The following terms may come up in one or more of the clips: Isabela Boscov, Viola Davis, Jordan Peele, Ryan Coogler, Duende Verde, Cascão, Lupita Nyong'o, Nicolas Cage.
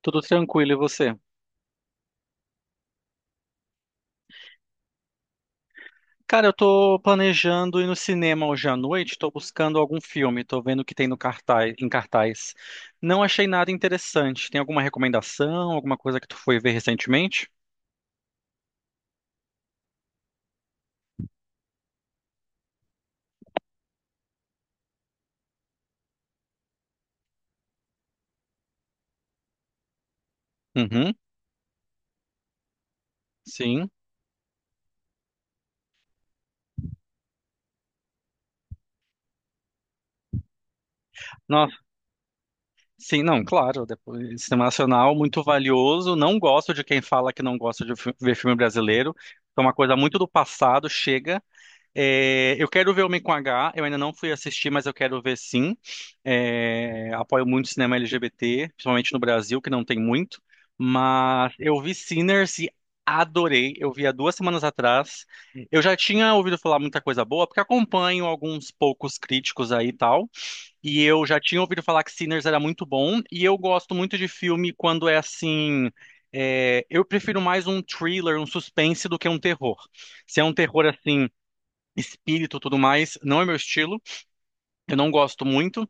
Tudo tranquilo, e você? Cara, eu tô planejando ir no cinema hoje à noite, tô buscando algum filme, tô vendo o que tem em cartaz. Não achei nada interessante. Tem alguma recomendação, alguma coisa que tu foi ver recentemente? Uhum, sim. Nossa, sim, não, claro, depois, cinema nacional, muito valioso. Não gosto de quem fala que não gosta de ver filme brasileiro. É uma coisa muito do passado, chega. É, eu quero ver Homem com H, eu ainda não fui assistir, mas eu quero ver sim. É, apoio muito o cinema LGBT, principalmente no Brasil, que não tem muito. Mas eu vi Sinners e adorei. Eu vi há 2 semanas atrás. Eu já tinha ouvido falar muita coisa boa, porque acompanho alguns poucos críticos aí e tal. E eu já tinha ouvido falar que Sinners era muito bom. E eu gosto muito de filme quando é assim. É, eu prefiro mais um thriller, um suspense do que um terror. Se é um terror assim espírito e tudo mais, não é meu estilo, eu não gosto muito.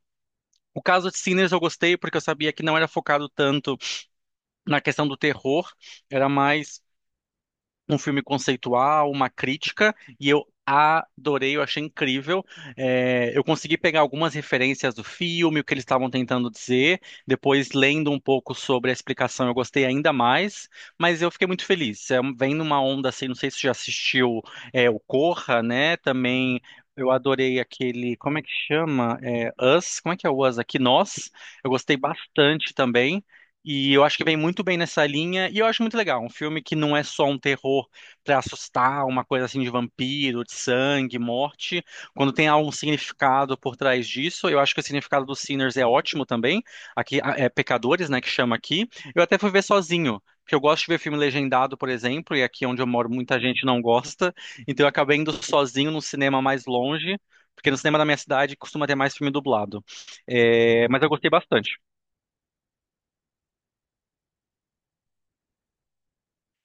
O caso de Sinners eu gostei porque eu sabia que não era focado tanto na questão do terror, era mais um filme conceitual, uma crítica, e eu adorei, eu achei incrível. É, eu consegui pegar algumas referências do filme, o que eles estavam tentando dizer, depois lendo um pouco sobre a explicação, eu gostei ainda mais, mas eu fiquei muito feliz. É, vem numa onda assim, não sei se você já assistiu o Corra, né? Também. Eu adorei aquele, como é que chama? É, Us, como é que é o Us aqui? Nós. Eu gostei bastante também. E eu acho que vem muito bem nessa linha, e eu acho muito legal. Um filme que não é só um terror pra assustar, uma coisa assim de vampiro, de sangue, morte. Quando tem algum significado por trás disso, eu acho que o significado do Sinners é ótimo também. Aqui, é Pecadores, né, que chama aqui. Eu até fui ver sozinho, porque eu gosto de ver filme legendado, por exemplo, e aqui onde eu moro muita gente não gosta. Então eu acabei indo sozinho no cinema mais longe, porque no cinema da minha cidade costuma ter mais filme dublado. É, mas eu gostei bastante.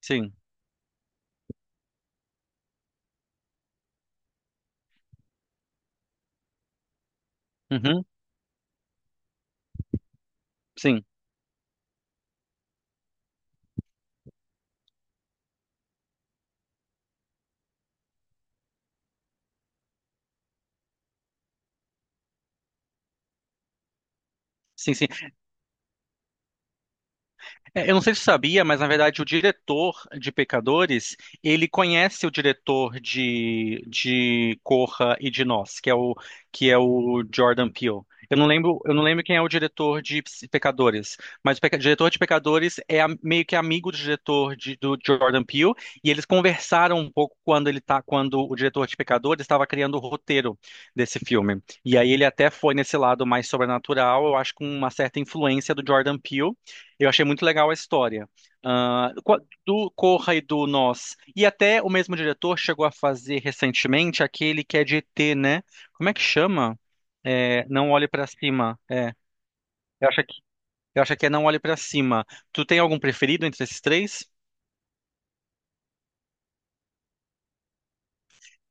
Sim. Uhum. Sim. Sim, sim. É, eu não sei se você sabia, mas na verdade o diretor de Pecadores, ele conhece o diretor de Corra e de Nós, que é o Jordan Peele. Eu não lembro quem é o diretor de Pecadores, mas o diretor de Pecadores é meio que amigo do diretor do Jordan Peele, e eles conversaram um pouco quando o diretor de Pecadores estava criando o roteiro desse filme. E aí ele até foi nesse lado mais sobrenatural, eu acho com uma certa influência do Jordan Peele. Eu achei muito legal a história. Ah, do Corra e do Nós. E até o mesmo diretor chegou a fazer recentemente aquele que é de ET, né? Como é que chama? É, Não Olhe Pra Cima. É, eu acho que, é Não Olhe Pra Cima. Tu tem algum preferido entre esses três?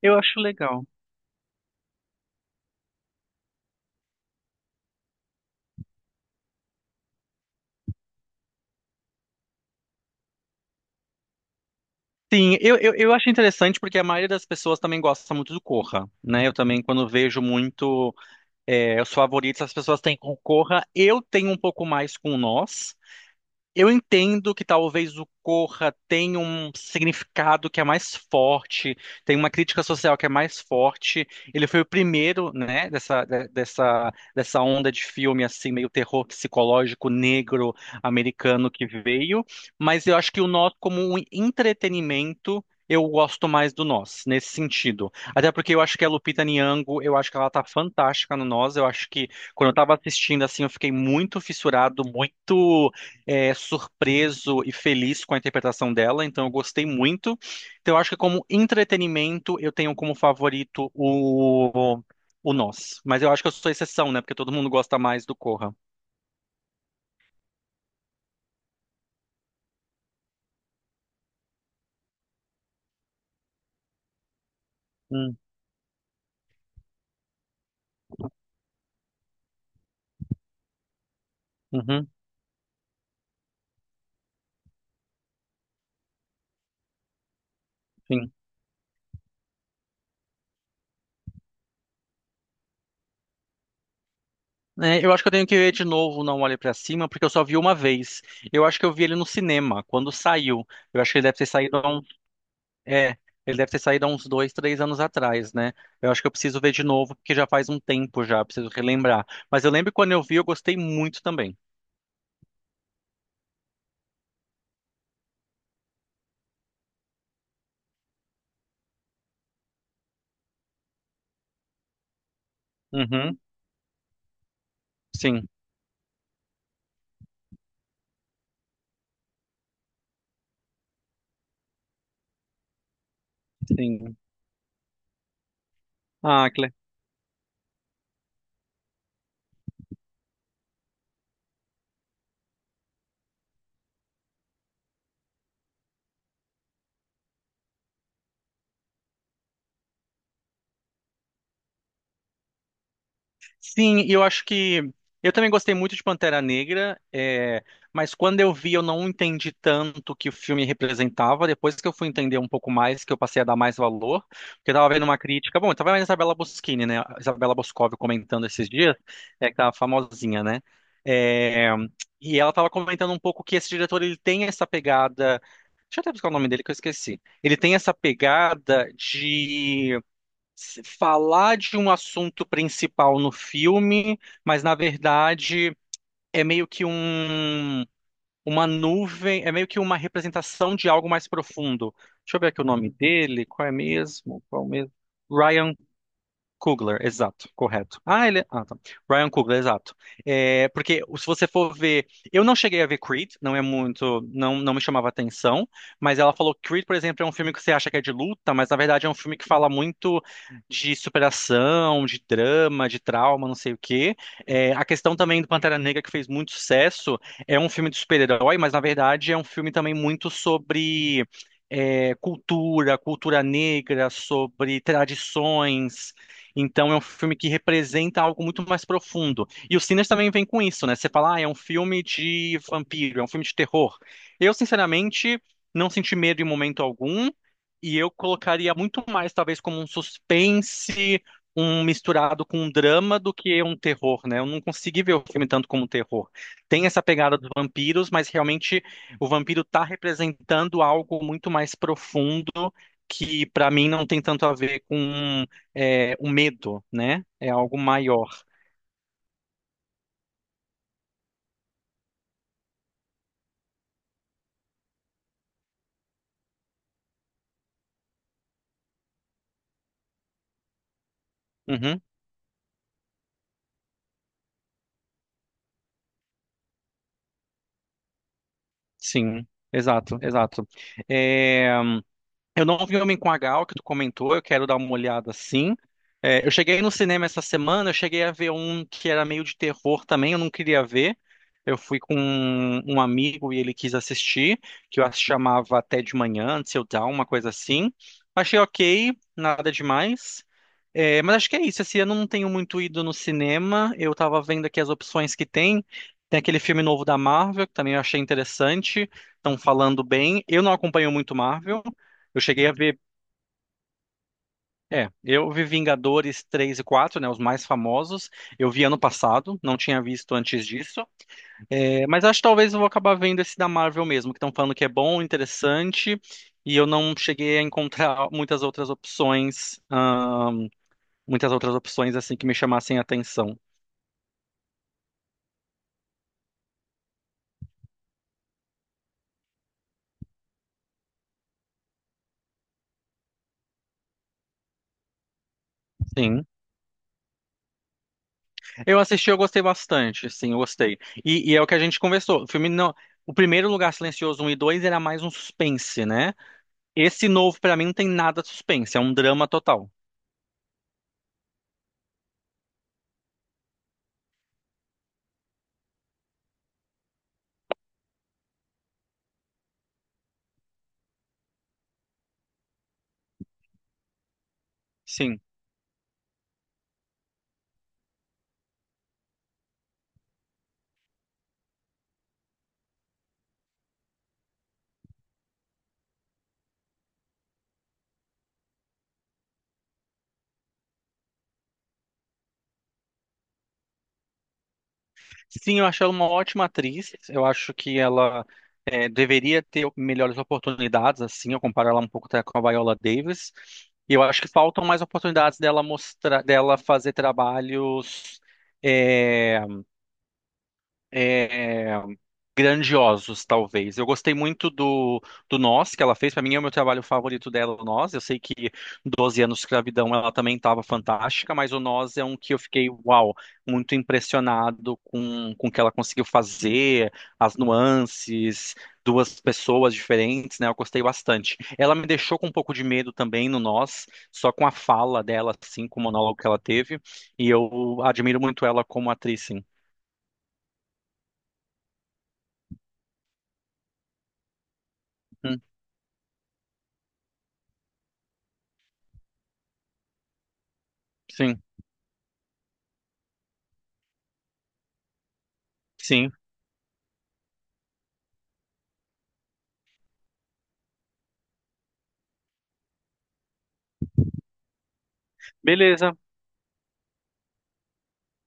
Eu acho legal. Sim, eu acho interessante porque a maioria das pessoas também gosta muito do Corra, né? Eu também, quando vejo muito os favoritos, as pessoas têm com o Corra. Eu tenho um pouco mais com o Nós. Eu entendo que talvez o Corra tenha um significado que é mais forte, tem uma crítica social que é mais forte. Ele foi o primeiro, né, dessa onda de filme assim meio terror psicológico negro americano que veio, mas eu acho que o nosso como um entretenimento. Eu gosto mais do Nós, nesse sentido. Até porque eu acho que a Lupita Nyong'o, eu acho que ela tá fantástica no Nós. Eu acho que quando eu tava assistindo assim, eu fiquei muito fissurado, muito surpreso e feliz com a interpretação dela, então eu gostei muito. Então eu acho que como entretenimento eu tenho como favorito o Nós. Mas eu acho que eu sou exceção, né? Porque todo mundo gosta mais do Corra. Hum, uhum, sim. É, eu acho que eu tenho que ver de novo Não Olhe Pra Cima, porque eu só vi uma vez. Eu acho que eu vi ele no cinema, quando saiu. Eu acho que É, ele deve ter saído há uns 2, 3 anos atrás, né? Eu acho que eu preciso ver de novo, porque já faz um tempo já, preciso relembrar. Mas eu lembro que quando eu vi, eu gostei muito também. Uhum, sim, sim. Ah, que sim, eu acho que eu também gostei muito de Pantera Negra, mas quando eu vi eu não entendi tanto o que o filme representava. Depois que eu fui entender um pouco mais, que eu passei a dar mais valor, porque eu tava vendo uma crítica. Bom, eu tava vendo a Isabela Boschini, né? A Isabela Boscov comentando esses dias, é aquela famosinha, né? É, e ela tava comentando um pouco que esse diretor ele tem essa pegada. Deixa eu até buscar o nome dele que eu esqueci. Ele tem essa pegada de falar de um assunto principal no filme, mas na verdade é meio que uma nuvem, é meio que uma representação de algo mais profundo. Deixa eu ver aqui o nome dele, qual é mesmo? Qual mesmo? Coogler, exato, correto. Ah, ele. Ah, tá. Ryan Coogler, exato. É, porque se você for ver. Eu não cheguei a ver Creed, não é muito. Não, não me chamava atenção, mas ela falou que Creed, por exemplo, é um filme que você acha que é de luta, mas na verdade é um filme que fala muito de superação, de drama, de trauma, não sei o quê. É, a questão também do Pantera Negra, que fez muito sucesso, é um filme de super-herói, mas na verdade é um filme também muito sobre, cultura, cultura negra, sobre tradições, então é um filme que representa algo muito mais profundo. E o Sinners também vem com isso, né? Você fala, ah, é um filme de vampiro, é um filme de terror. Eu, sinceramente, não senti medo em momento algum, e eu colocaria muito mais, talvez, como um suspense, um misturado com um drama do que um terror, né? Eu não consegui ver o filme tanto como um terror. Tem essa pegada dos vampiros, mas realmente o vampiro está representando algo muito mais profundo que para mim não tem tanto a ver com o medo, né? É algo maior. Uhum, sim, exato, exato. É, eu não vi Homem com a Gal, que tu comentou, eu quero dar uma olhada sim. É, eu cheguei no cinema essa semana, eu cheguei a ver um que era meio de terror também, eu não queria ver. Eu fui com um amigo e ele quis assistir, que eu acho que chamava Até de Manhã, Antes eu Dawn, uma coisa assim. Achei ok, nada demais. É, mas acho que é isso, esse ano eu não tenho muito ido no cinema, eu tava vendo aqui as opções que tem. Tem aquele filme novo da Marvel, que também eu achei interessante, estão falando bem. Eu não acompanho muito Marvel. Eu cheguei a ver. É, eu vi Vingadores 3 e 4, né? Os mais famosos. Eu vi ano passado, não tinha visto antes disso. É, mas acho que talvez eu vou acabar vendo esse da Marvel mesmo, que estão falando que é bom, interessante. E eu não cheguei a encontrar muitas outras opções assim que me chamassem a atenção. Sim. Eu assisti, eu gostei bastante, sim, eu gostei. E é o que a gente conversou. O filme não. O primeiro Lugar Silencioso 1 e 2 era mais um suspense, né? Esse novo, pra mim, não tem nada de suspense, é um drama total. Sim. Sim, eu acho ela uma ótima atriz. Eu acho que ela deveria ter melhores oportunidades, assim, eu comparo ela um pouco até com a Viola Davis. E eu acho que faltam mais oportunidades dela mostrar, dela fazer trabalhos é, grandiosos, talvez. Eu gostei muito do Nós, que ela fez. Para mim é o meu trabalho favorito dela, o Nós. Eu sei que 12 anos de escravidão ela também estava fantástica, mas o Nós é um que eu fiquei, uau, muito impressionado com o que ela conseguiu fazer, as nuances, duas pessoas diferentes, né? Eu gostei bastante. Ela me deixou com um pouco de medo também no Nós, só com a fala dela, assim, com o monólogo que ela teve. E eu admiro muito ela como atriz, sim. Hum, sim, sim. Beleza,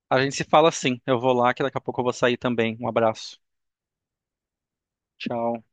a gente se fala assim. Eu vou lá, que daqui a pouco eu vou sair também. Um abraço. Tchau.